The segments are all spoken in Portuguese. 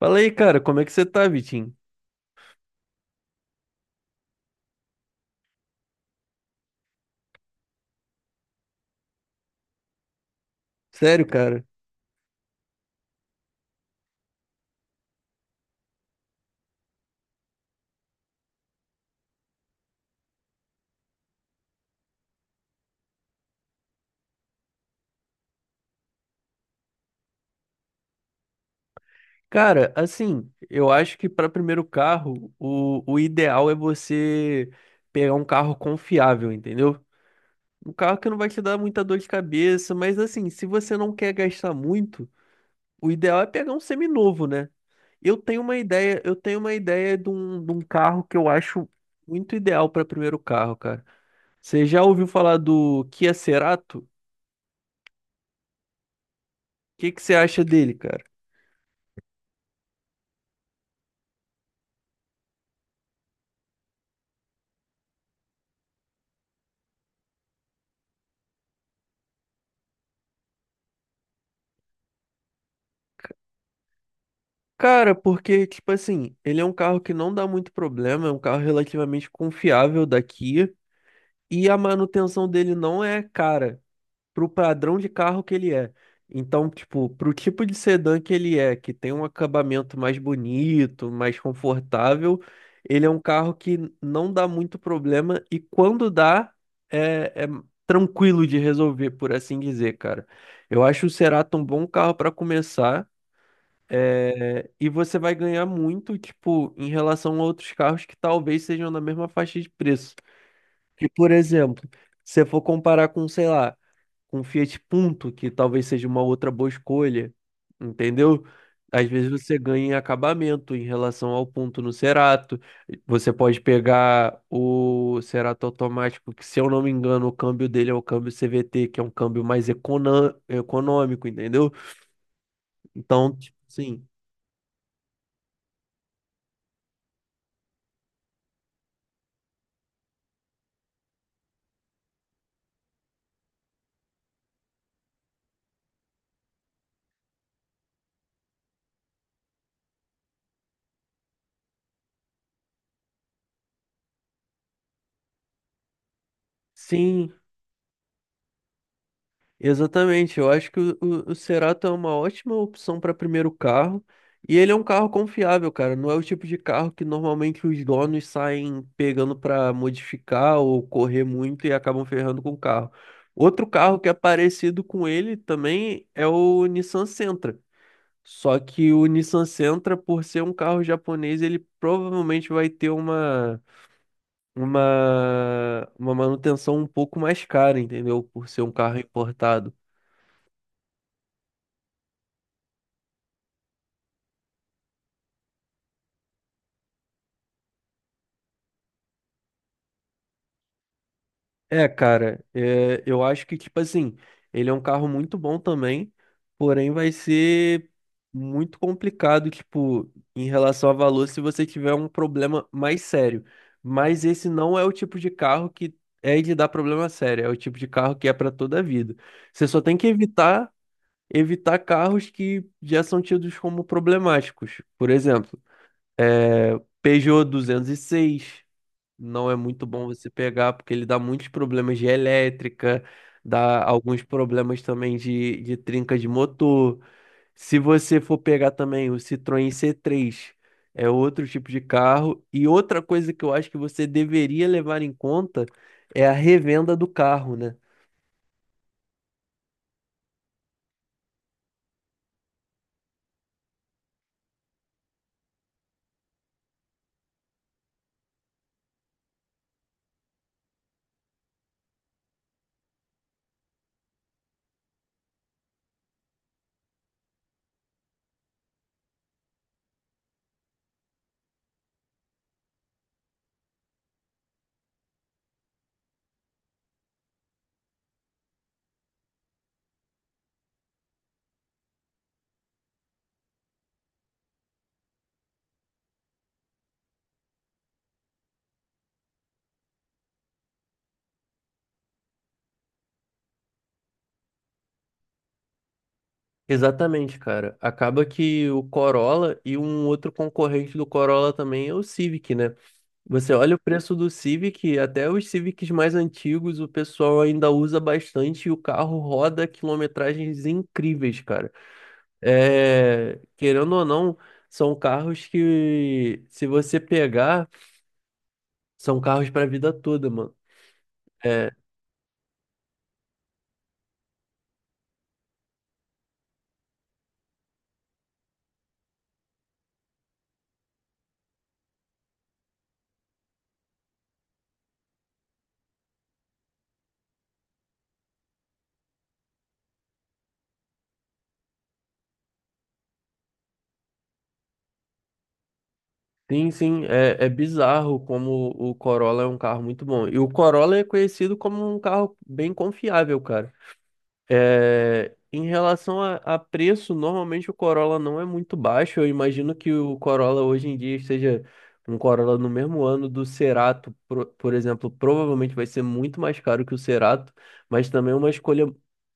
Fala aí, cara, como é que você tá, Vitinho? Sério, cara? Cara, assim, eu acho que para primeiro carro, o ideal é você pegar um carro confiável, entendeu? Um carro que não vai te dar muita dor de cabeça, mas assim, se você não quer gastar muito, o ideal é pegar um seminovo, né? Eu tenho uma ideia de um carro que eu acho muito ideal para primeiro carro, cara. Você já ouviu falar do Kia Cerato? O que que você acha dele, cara? Cara, porque, tipo assim, ele é um carro que não dá muito problema, é um carro relativamente confiável da Kia, e a manutenção dele não é cara pro padrão de carro que ele é. Então, tipo, pro tipo de sedã que ele é, que tem um acabamento mais bonito, mais confortável, ele é um carro que não dá muito problema, e quando dá, é tranquilo de resolver, por assim dizer, cara. Eu acho o Cerato um bom carro para começar. É, e você vai ganhar muito, tipo, em relação a outros carros que talvez sejam na mesma faixa de preço. E, por exemplo, se você for comparar com, sei lá, com Fiat Punto, que talvez seja uma outra boa escolha, entendeu? Às vezes você ganha em acabamento em relação ao Punto no Cerato. Você pode pegar o Cerato automático, que, se eu não me engano, o câmbio dele é o câmbio CVT, que é um câmbio mais econômico, entendeu? Então, tipo, sim. Sim, exatamente, eu acho que o Cerato é uma ótima opção para primeiro carro e ele é um carro confiável, cara. Não é o tipo de carro que normalmente os donos saem pegando para modificar ou correr muito e acabam ferrando com o carro. Outro carro que é parecido com ele também é o Nissan Sentra. Só que o Nissan Sentra, por ser um carro japonês, ele provavelmente vai ter uma manutenção um pouco mais cara, entendeu? Por ser um carro importado. É, cara, é, eu acho que, tipo assim, ele é um carro muito bom também, porém vai ser muito complicado, tipo, em relação a valor, se você tiver um problema mais sério. Mas esse não é o tipo de carro que é de dar problema sério, é o tipo de carro que é para toda a vida. Você só tem que evitar carros que já são tidos como problemáticos. Por exemplo, é, Peugeot 206 não é muito bom você pegar, porque ele dá muitos problemas de elétrica, dá alguns problemas também de trinca de motor. Se você for pegar também o Citroën C3, é outro tipo de carro. E outra coisa que eu acho que você deveria levar em conta é a revenda do carro, né? Exatamente, cara. Acaba que o Corolla e um outro concorrente do Corolla também é o Civic, né? Você olha o preço do Civic, até os Civics mais antigos o pessoal ainda usa bastante e o carro roda quilometragens incríveis, cara. É, querendo ou não, são carros que, se você pegar, são carros para a vida toda, mano. É, sim, sim, é, é bizarro como o Corolla é um carro muito bom. E o Corolla é conhecido como um carro bem confiável, cara. É, em relação a preço, normalmente o Corolla não é muito baixo. Eu imagino que o Corolla hoje em dia esteja um Corolla no mesmo ano do Cerato, por exemplo, provavelmente vai ser muito mais caro que o Cerato, mas também é uma escolha,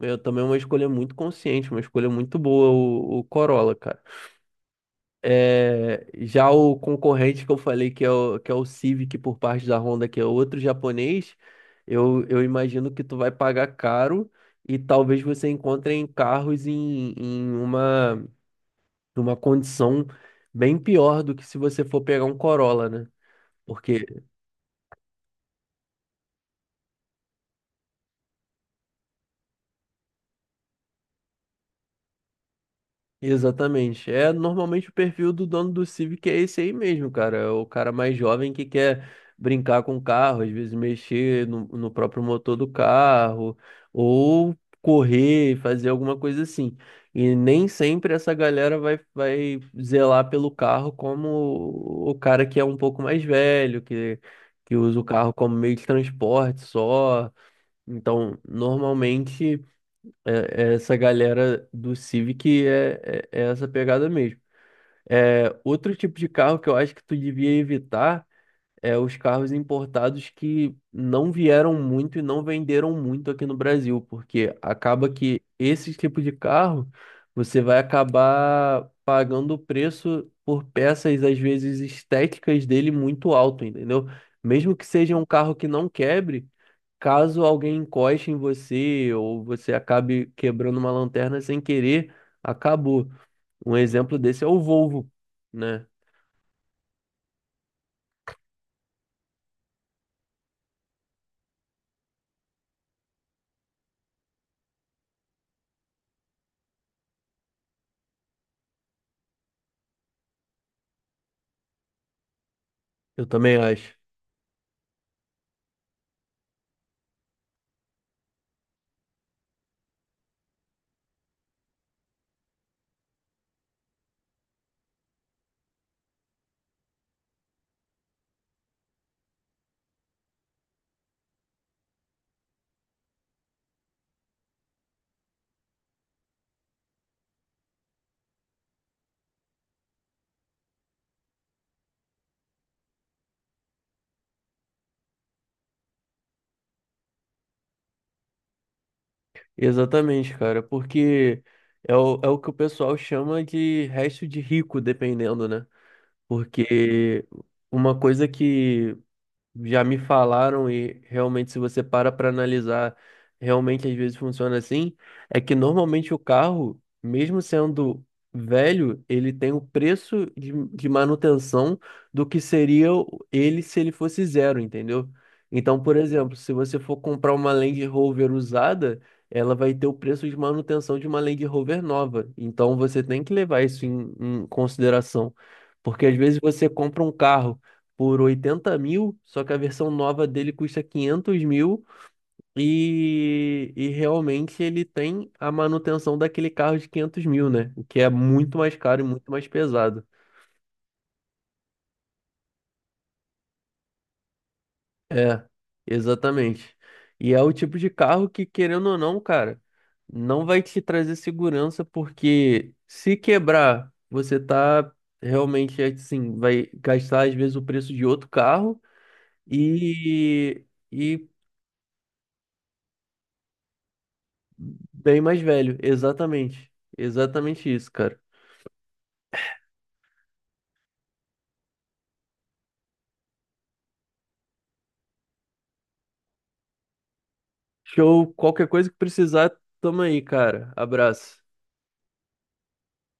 é também é uma escolha muito consciente, uma escolha muito boa o Corolla, cara. É, já o concorrente que eu falei que é o Civic por parte da Honda, que é outro japonês, eu imagino que tu vai pagar caro e talvez você encontre em carros em, em uma condição bem pior do que se você for pegar um Corolla, né? Porque exatamente. É normalmente o perfil do dono do Civic é esse aí mesmo, cara. É o cara mais jovem que quer brincar com o carro, às vezes mexer no, no próprio motor do carro, ou correr, fazer alguma coisa assim. E nem sempre essa galera vai, vai zelar pelo carro como o cara que é um pouco mais velho, que usa o carro como meio de transporte só. Então, normalmente. É- é essa galera do Civic é, é, é essa pegada mesmo. É, outro tipo de carro que eu acho que tu devia evitar é os carros importados que não vieram muito e não venderam muito aqui no Brasil, porque acaba que esse tipo de carro você vai acabar pagando o preço por peças, às vezes estéticas dele muito alto, entendeu? Mesmo que seja um carro que não quebre. Caso alguém encoste em você ou você acabe quebrando uma lanterna sem querer, acabou. Um exemplo desse é o Volvo, né? Eu também acho. Exatamente, cara, porque é o que o pessoal chama de resto de rico, dependendo, né? Porque uma coisa que já me falaram e realmente se você para analisar, realmente às vezes funciona assim, é que normalmente o carro, mesmo sendo velho, ele tem o preço de manutenção do que seria ele se ele fosse zero, entendeu? Então, por exemplo, se você for comprar uma Land Rover usada, ela vai ter o preço de manutenção de uma Land Rover nova. Então, você tem que levar isso em em consideração. Porque às vezes você compra um carro por 80 mil, só que a versão nova dele custa 500 mil e realmente ele tem a manutenção daquele carro de 500 mil, né? O que é muito mais caro e muito mais pesado. É, exatamente. E é o tipo de carro que, querendo ou não, cara, não vai te trazer segurança porque se quebrar, você tá realmente assim, vai gastar às vezes o preço de outro carro e, e bem mais velho, exatamente. Exatamente isso, cara. Show, qualquer coisa que precisar, tamo aí, cara. Abraço.